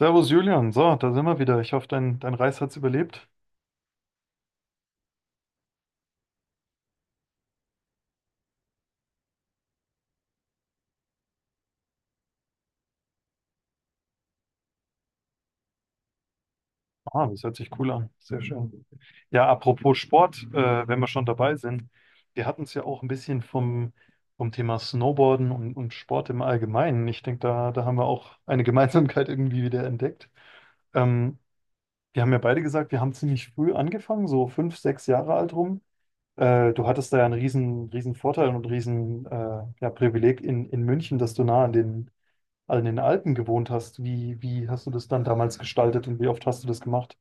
Servus Julian, so, da sind wir wieder. Ich hoffe, dein Reis hat's überlebt. Ah, das hört sich cool an. Sehr schön. Ja, apropos Sport, wenn wir schon dabei sind, wir hatten es ja auch ein bisschen vom Thema Snowboarden und Sport im Allgemeinen. Ich denke, da haben wir auch eine Gemeinsamkeit irgendwie wieder entdeckt. Ähm, Wir haben ja beide gesagt, wir haben ziemlich früh angefangen, so 5, 6 Jahre alt rum. Du hattest da ja einen riesen, riesen Vorteil und riesen ja, Privileg in München, dass du nah also in den Alpen gewohnt hast. Wie hast du das dann damals gestaltet und wie oft hast du das gemacht?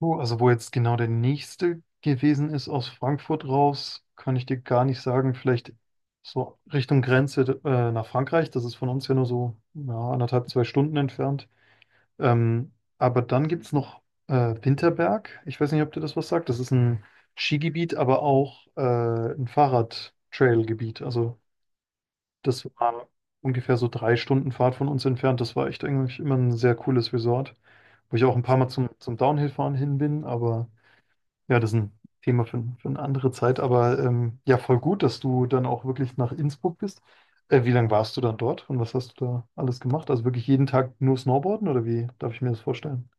Oh, also wo jetzt genau der nächste gewesen ist aus Frankfurt raus, kann ich dir gar nicht sagen. Vielleicht so Richtung Grenze nach Frankreich. Das ist von uns ja nur so ja, anderthalb, 2 Stunden entfernt. Ähm, aber dann gibt es noch Winterberg. Ich weiß nicht, ob dir das was sagt. Das ist ein Skigebiet, aber auch ein Fahrrad-Trail-Gebiet. Also, das war ungefähr so 3 Stunden Fahrt von uns entfernt. Das war echt eigentlich immer ein sehr cooles Resort, wo ich auch ein paar Mal zum Downhill-Fahren hin bin. Aber ja, das ist ein Thema für eine andere Zeit. Aber ja, voll gut, dass du dann auch wirklich nach Innsbruck bist. Wie lange warst du dann dort und was hast du da alles gemacht? Also wirklich jeden Tag nur Snowboarden oder wie darf ich mir das vorstellen?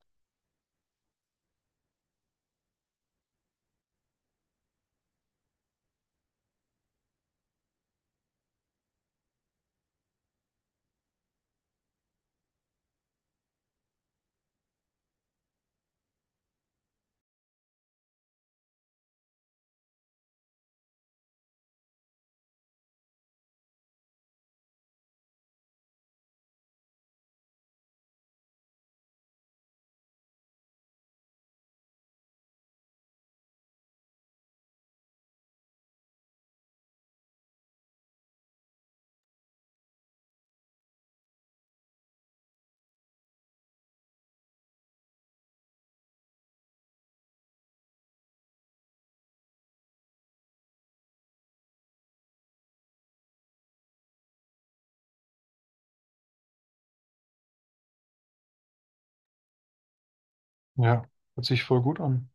Ja, hört sich voll gut an.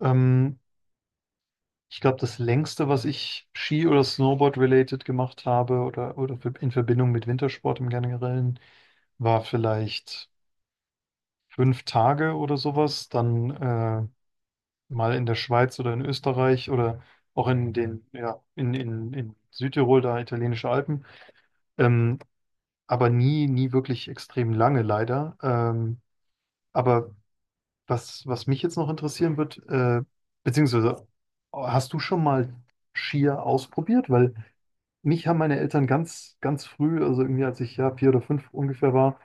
Ähm, Ich glaube, das längste, was ich Ski- oder Snowboard-related gemacht habe oder in Verbindung mit Wintersport im Generellen, war vielleicht 5 Tage oder sowas. Dann mal in der Schweiz oder in Österreich oder auch ja, in Südtirol, da italienische Alpen. Ähm, aber nie, nie wirklich extrem lange, leider. Aber was mich jetzt noch interessieren wird, beziehungsweise hast du schon mal Skier ausprobiert? Weil Mich haben meine Eltern ganz, ganz früh, also irgendwie als ich ja 4 oder 5 ungefähr war,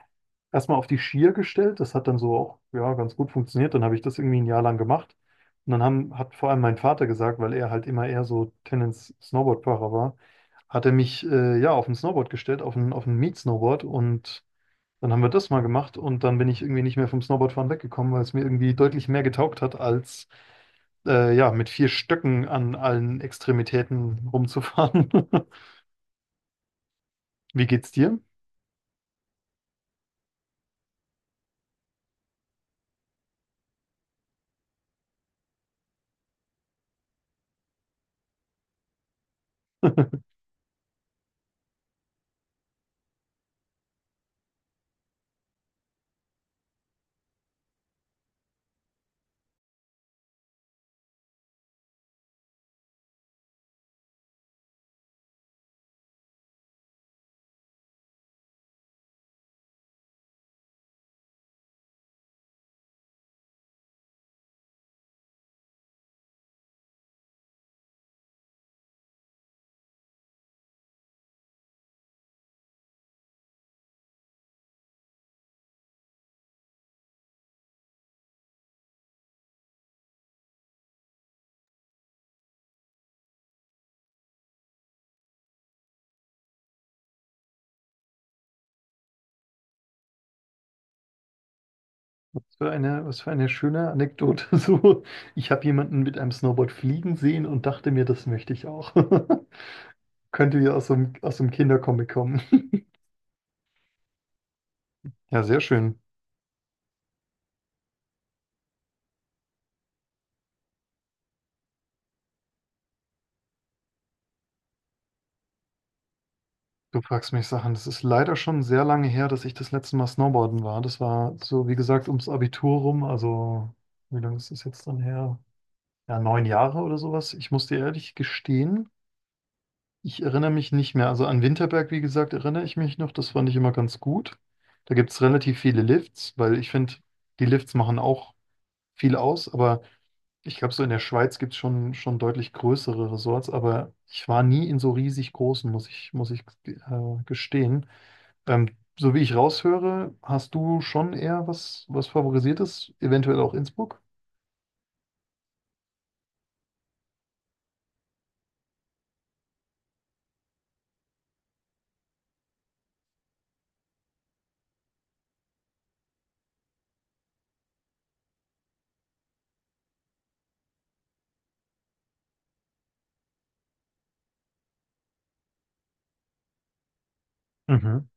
erstmal auf die Skier gestellt. Das hat dann so auch ja, ganz gut funktioniert. Dann habe ich das irgendwie ein Jahr lang gemacht. Und dann hat vor allem mein Vater gesagt, weil er halt immer eher so Tennis Snowboardfahrer war, hat er mich ja auf ein Snowboard gestellt, auf ein Mietsnowboard. Und dann haben wir das mal gemacht. Und dann bin ich irgendwie nicht mehr vom Snowboardfahren weggekommen, weil es mir irgendwie deutlich mehr getaugt hat, als ja mit vier Stöcken an allen Extremitäten rumzufahren. Wie geht's dir? Was für eine schöne Anekdote. So, ich habe jemanden mit einem Snowboard fliegen sehen und dachte mir, das möchte ich auch. Könnte ja aus so einem Kindercomic kommen. Ja, sehr schön. Du fragst mich Sachen. Das ist leider schon sehr lange her, dass ich das letzte Mal Snowboarden war. Das war so, wie gesagt, ums Abitur rum. Also, wie lange ist das jetzt dann her? Ja, 9 Jahre oder sowas. Ich muss dir ehrlich gestehen, ich erinnere mich nicht mehr. Also an Winterberg, wie gesagt, erinnere ich mich noch. Das fand ich immer ganz gut. Da gibt es relativ viele Lifts, weil ich finde, die Lifts machen auch viel aus. Aber ich glaube, so in der Schweiz gibt es schon, schon deutlich größere Resorts. Aber ich war nie in so riesig großen, muss ich gestehen. Ähm, so wie ich raushöre, hast du schon eher was Favorisiertes, eventuell auch Innsbruck? Mhm.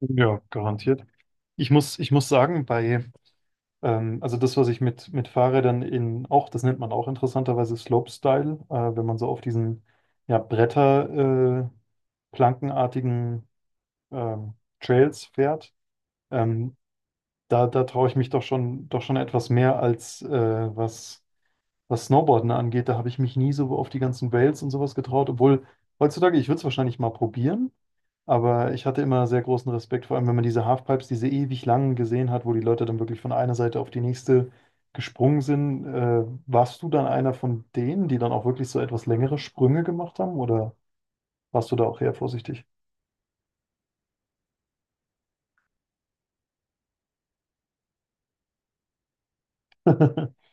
Ja, garantiert. Ich muss sagen, bei also das, was ich mit Fahrrädern in auch, das nennt man auch interessanterweise Slopestyle, wenn man so auf diesen ja, Bretter, plankenartigen ähm, Trails fährt, ähm, da traue ich mich doch schon etwas mehr als was Snowboarden angeht. Da habe ich mich nie so auf die ganzen Rails und sowas getraut, obwohl heutzutage, ich würde es wahrscheinlich mal probieren, aber ich hatte immer sehr großen Respekt, vor allem wenn man diese Halfpipes, diese ewig langen gesehen hat, wo die Leute dann wirklich von einer Seite auf die nächste gesprungen sind. Warst du dann einer von denen, die dann auch wirklich so etwas längere Sprünge gemacht haben oder warst du da auch eher vorsichtig?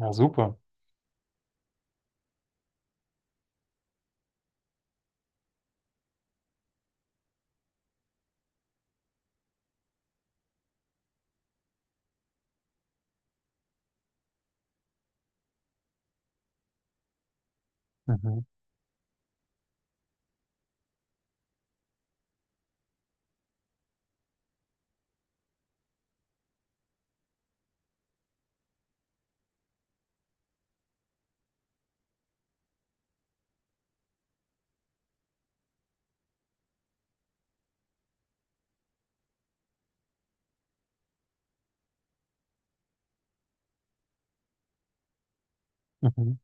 Ja, super. Mhm. Mhm.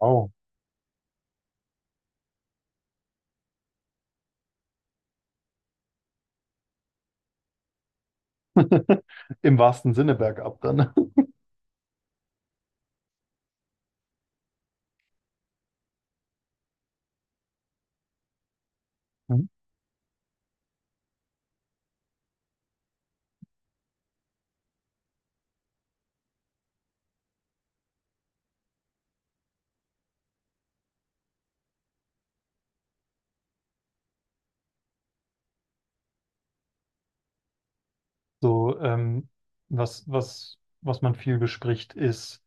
Wow. Im wahrsten Sinne bergab dann. So, was man viel bespricht, ist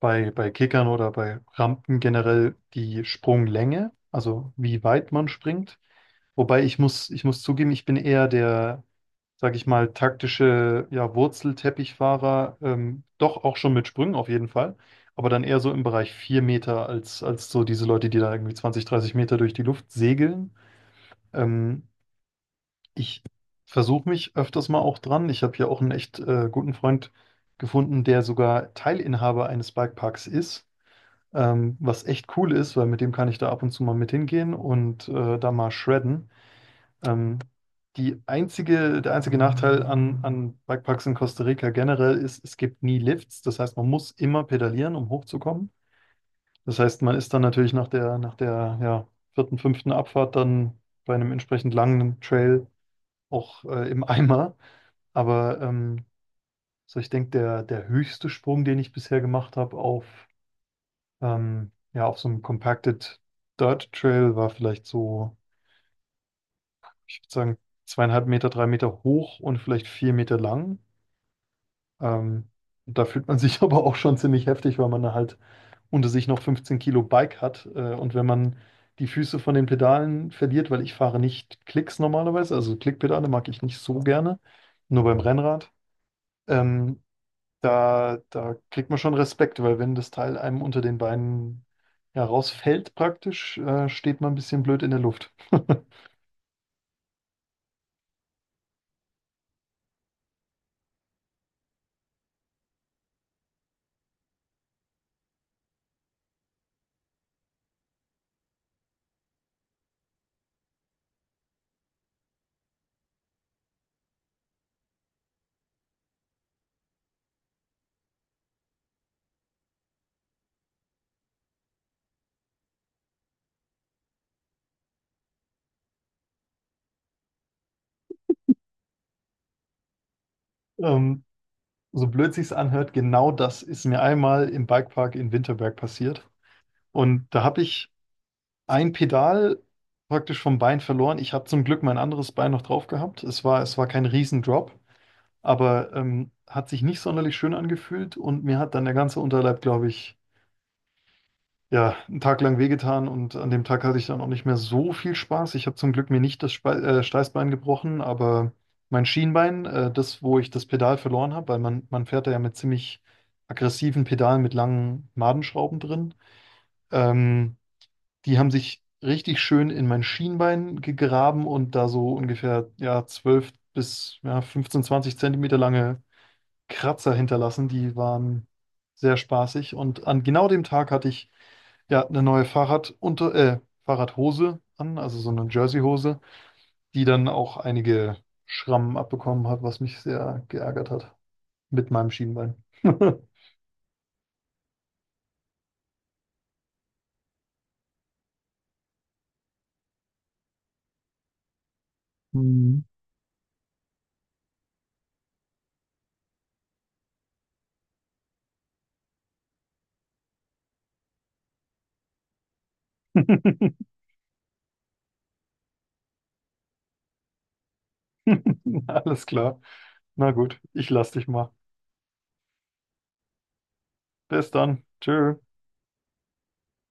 bei Kickern oder bei Rampen generell die Sprunglänge, also wie weit man springt. Wobei ich muss zugeben, ich bin eher der, sag ich mal, taktische, ja, Wurzelteppichfahrer, doch auch schon mit Sprüngen auf jeden Fall, aber dann eher so im Bereich 4 Meter als so diese Leute, die da irgendwie 20, 30 Meter durch die Luft segeln. Ähm, Ich versuche mich öfters mal auch dran. Ich habe hier auch einen echt guten Freund gefunden, der sogar Teilinhaber eines Bikeparks ist, was echt cool ist, weil mit dem kann ich da ab und zu mal mit hingehen und da mal shredden. Ähm, der einzige Nachteil an Bikeparks in Costa Rica generell ist, es gibt nie Lifts. Das heißt, man muss immer pedalieren, um hochzukommen. Das heißt, man ist dann natürlich nach der ja, vierten, fünften Abfahrt dann bei einem entsprechend langen Trail auch im Eimer. Aber so ich denke, der höchste Sprung, den ich bisher gemacht habe ja, auf so einem Compacted Dirt Trail, war vielleicht so, ich würde sagen, 2,5 Meter, 3 Meter hoch und vielleicht 4 Meter lang. Ähm, Da fühlt man sich aber auch schon ziemlich heftig, weil man da halt unter sich noch 15 Kilo Bike hat. Und wenn man die Füße von den Pedalen verliert, weil ich fahre nicht Klicks normalerweise, also Klickpedale mag ich nicht so gerne, nur beim Rennrad. Ähm, da kriegt man schon Respekt, weil wenn das Teil einem unter den Beinen ja, rausfällt praktisch, steht man ein bisschen blöd in der Luft. Ähm, so blöd sich's anhört, genau das ist mir einmal im Bikepark in Winterberg passiert. Und da habe ich ein Pedal praktisch vom Bein verloren. Ich habe zum Glück mein anderes Bein noch drauf gehabt. Es war kein Riesendrop, aber hat sich nicht sonderlich schön angefühlt und mir hat dann der ganze Unterleib, glaube ich, ja, einen Tag lang wehgetan und an dem Tag hatte ich dann auch nicht mehr so viel Spaß. Ich habe zum Glück mir nicht das Spe Steißbein gebrochen, aber mein Schienbein, das, wo ich das Pedal verloren habe, weil man fährt da ja mit ziemlich aggressiven Pedalen mit langen Madenschrauben drin, ähm, die haben sich richtig schön in mein Schienbein gegraben und da so ungefähr ja, 12 bis ja, 15, 20 Zentimeter lange Kratzer hinterlassen. Die waren sehr spaßig und an genau dem Tag hatte ich der hat eine neue Fahrradhose an, also so eine Jerseyhose, die dann auch einige Schrammen abbekommen hat, was mich sehr geärgert hat. Mit meinem Schienbein. Hm. Alles klar. Na gut, ich lass dich mal. Bis dann. Tschö.